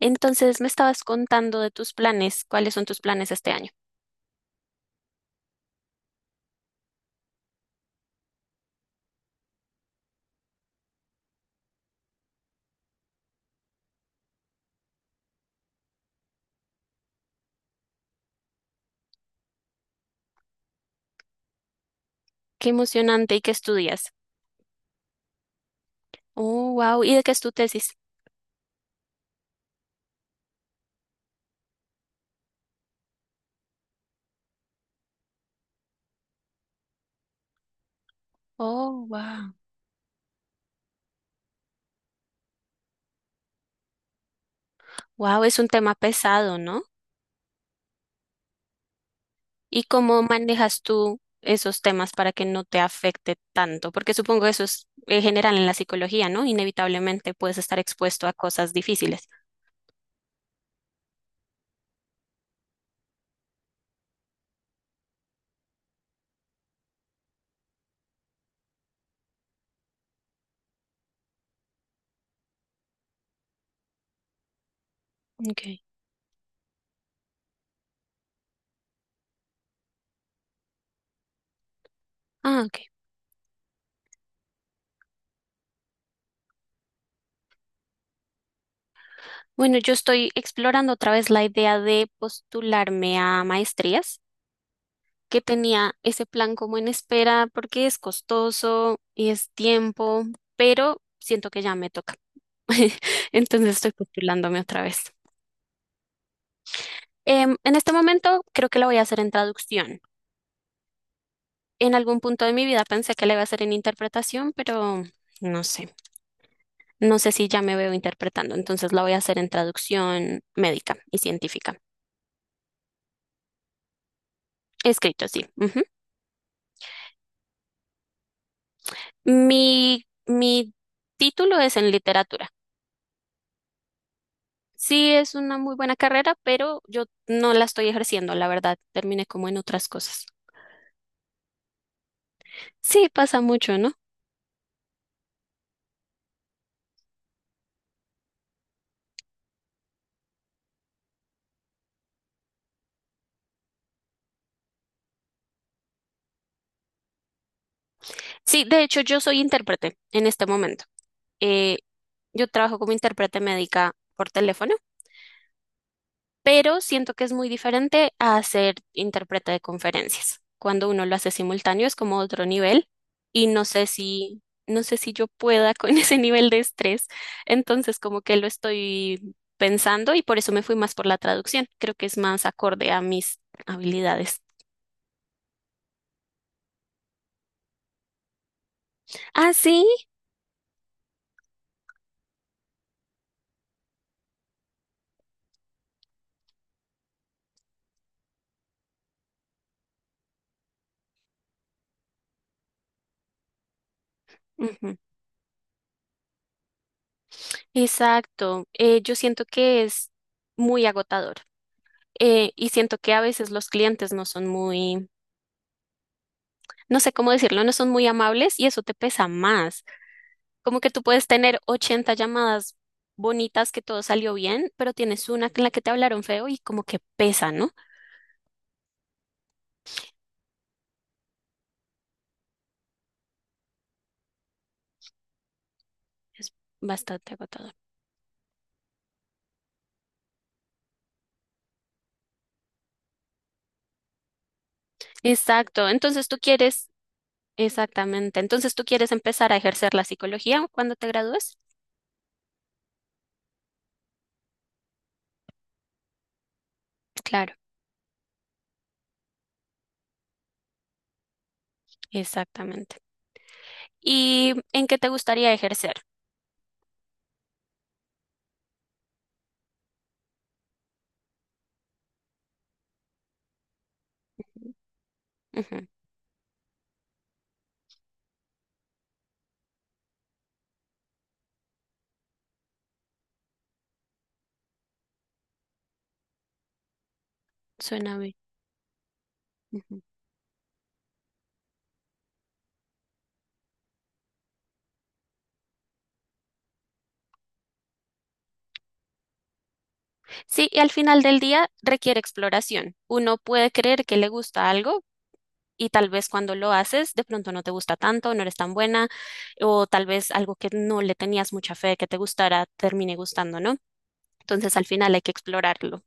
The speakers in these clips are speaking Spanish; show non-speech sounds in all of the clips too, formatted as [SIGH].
Entonces, me estabas contando de tus planes. ¿Cuáles son tus planes este año? Qué emocionante y qué estudias. Oh, wow. ¿Y de qué es tu tesis? Oh, wow. Wow, es un tema pesado, ¿no? ¿Y cómo manejas tú esos temas para que no te afecte tanto? Porque supongo eso es general en la psicología, ¿no? Inevitablemente puedes estar expuesto a cosas difíciles. Okay. Ah, ok. Bueno, yo estoy explorando otra vez la idea de postularme a maestrías, que tenía ese plan como en espera porque es costoso y es tiempo, pero siento que ya me toca. [LAUGHS] Entonces estoy postulándome otra vez. En este momento creo que lo voy a hacer en traducción. En algún punto de mi vida pensé que la iba a hacer en interpretación, pero no sé. No sé si ya me veo interpretando. Entonces la voy a hacer en traducción médica y científica. Escrito, sí. Ujú. Mi título es en literatura. Sí, es una muy buena carrera, pero yo no la estoy ejerciendo, la verdad. Terminé como en otras cosas. Sí, pasa mucho, ¿no? Sí, de hecho, yo soy intérprete en este momento. Eh, yo trabajo como intérprete médica por teléfono. Pero siento que es muy diferente a hacer intérprete de conferencias. Cuando uno lo hace simultáneo es como otro nivel y no sé si yo pueda con [LAUGHS] ese nivel de estrés, entonces como que lo estoy pensando y por eso me fui más por la traducción. Creo que es más acorde a mis habilidades. Ah, sí. Ujú. Exacto. Yo siento que es muy agotador, y siento que a veces los clientes no son muy... No sé cómo decirlo, no son muy amables y eso te pesa más. Como que tú puedes tener 80 llamadas bonitas que todo salió bien, pero tienes una en la que te hablaron feo y como que pesa, ¿no? Es bastante agotador. Exacto. Exactamente. Entonces tú quieres empezar a ejercer la psicología cuando te gradúes. Claro, exactamente. ¿Y en qué te gustaría ejercer? Ujú. Suena bien. Ujú. Sí, y al final del día requiere exploración. Uno puede creer que le gusta algo, y tal vez cuando lo haces de pronto no te gusta tanto, no eres tan buena o tal vez algo que no le tenías mucha fe de que te gustara termine gustando, ¿no? Entonces al final hay que explorarlo.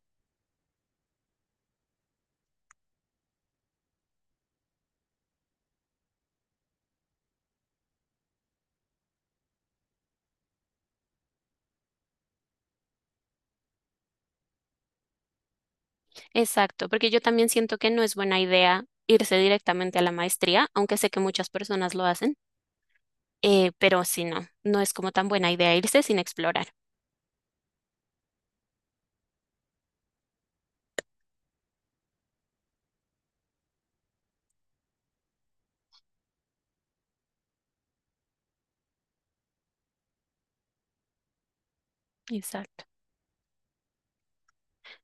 Exacto, porque yo también siento que no es buena idea irse directamente a la maestría, aunque sé que muchas personas lo hacen, pero sí, no es como tan buena idea irse sin explorar. Exacto.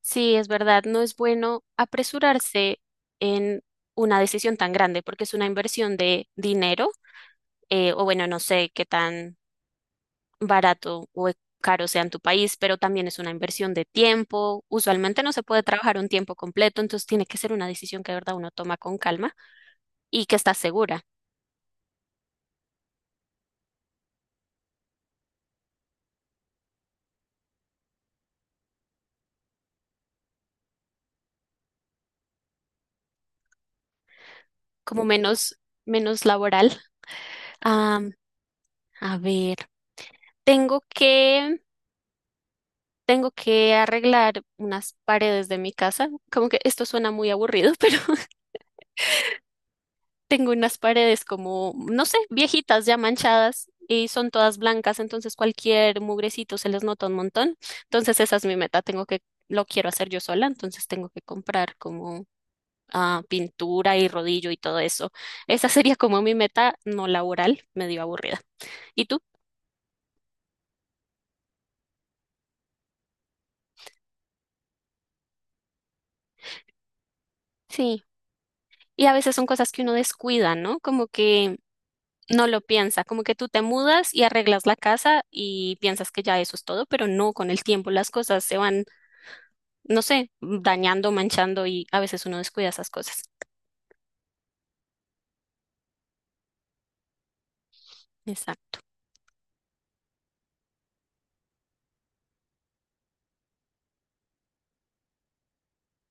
Sí, es verdad, no es bueno apresurarse en una decisión tan grande porque es una inversión de dinero, o bueno, no sé qué tan barato o caro sea en tu país, pero también es una inversión de tiempo. Usualmente no se puede trabajar un tiempo completo, entonces tiene que ser una decisión que de verdad uno toma con calma y que está segura, como menos, menos laboral. Am, a ver, tengo que, tengo que arreglar unas paredes de mi casa. Como que esto suena muy aburrido, [LAUGHS] pero tengo unas paredes como, no sé, viejitas ya manchadas y son todas blancas, entonces cualquier mugrecito se les nota un montón. Entonces esa es mi meta, lo quiero hacer yo sola, entonces tengo que comprar como pintura y rodillo y todo eso. Esa sería como mi meta no laboral, medio aburrida. ¿Y tú? Sí. Y a veces son cosas que uno descuida, ¿no? Como que no lo piensa, como que tú te mudas y arreglas la casa y piensas que ya eso es todo, pero no, con el tiempo las cosas se van no sé, dañando, manchando y a veces uno descuida esas cosas. Exacto.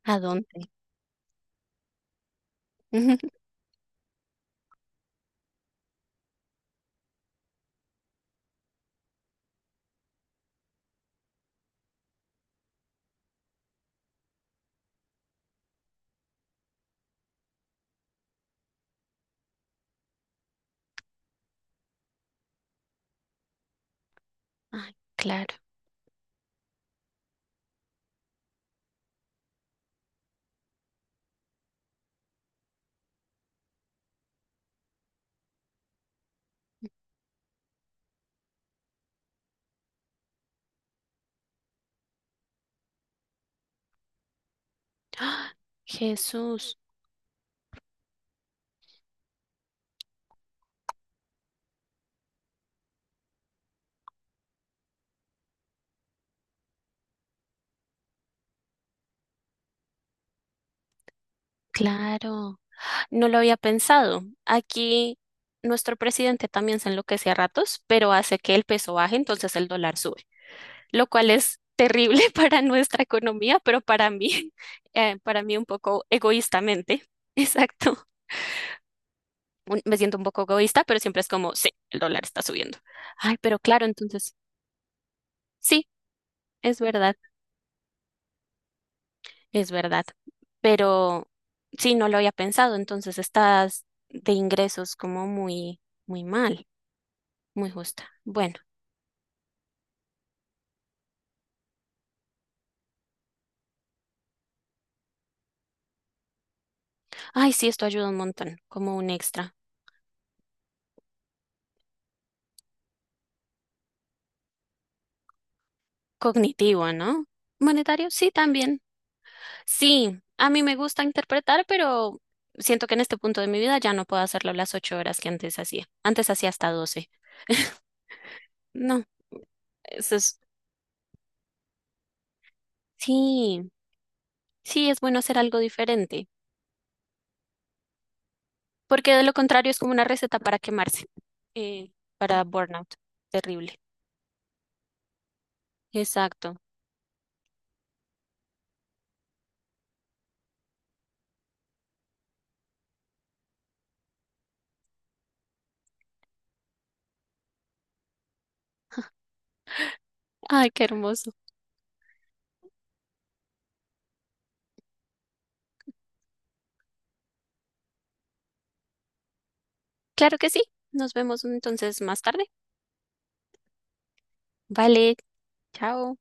¿A dónde? Ujú. Ay, claro. ¡Ah! Jesús, claro. No lo había pensado. Aquí nuestro presidente también se enloquece a ratos, pero hace que el peso baje, entonces el dólar sube, lo cual es terrible [LAUGHS] para nuestra economía, pero para mí, [LAUGHS] para mí un poco egoístamente. [LAUGHS] Exacto. Me siento un poco egoísta, pero siempre es como, sí, el dólar está subiendo. Ay, pero claro, entonces. Sí, es verdad, es verdad. Pero sí, no lo había pensado, entonces estás de ingresos como muy mal, muy justa. Bueno, ay, sí, esto ayuda un montón, como un extra cognitivo, ¿no? Monetario, sí, también. Sí, a mí me gusta interpretar, pero siento que en este punto de mi vida ya no puedo hacerlo las 8 horas que antes hacía. Antes hacía hasta 12. No, eso es, sí, sí, es bueno hacer algo diferente. Porque de lo contrario es como una receta para quemarse, eh, para burnout. Terrible. Exacto. Ay, qué hermoso. Claro que sí. Nos vemos entonces más tarde. Vale, chao.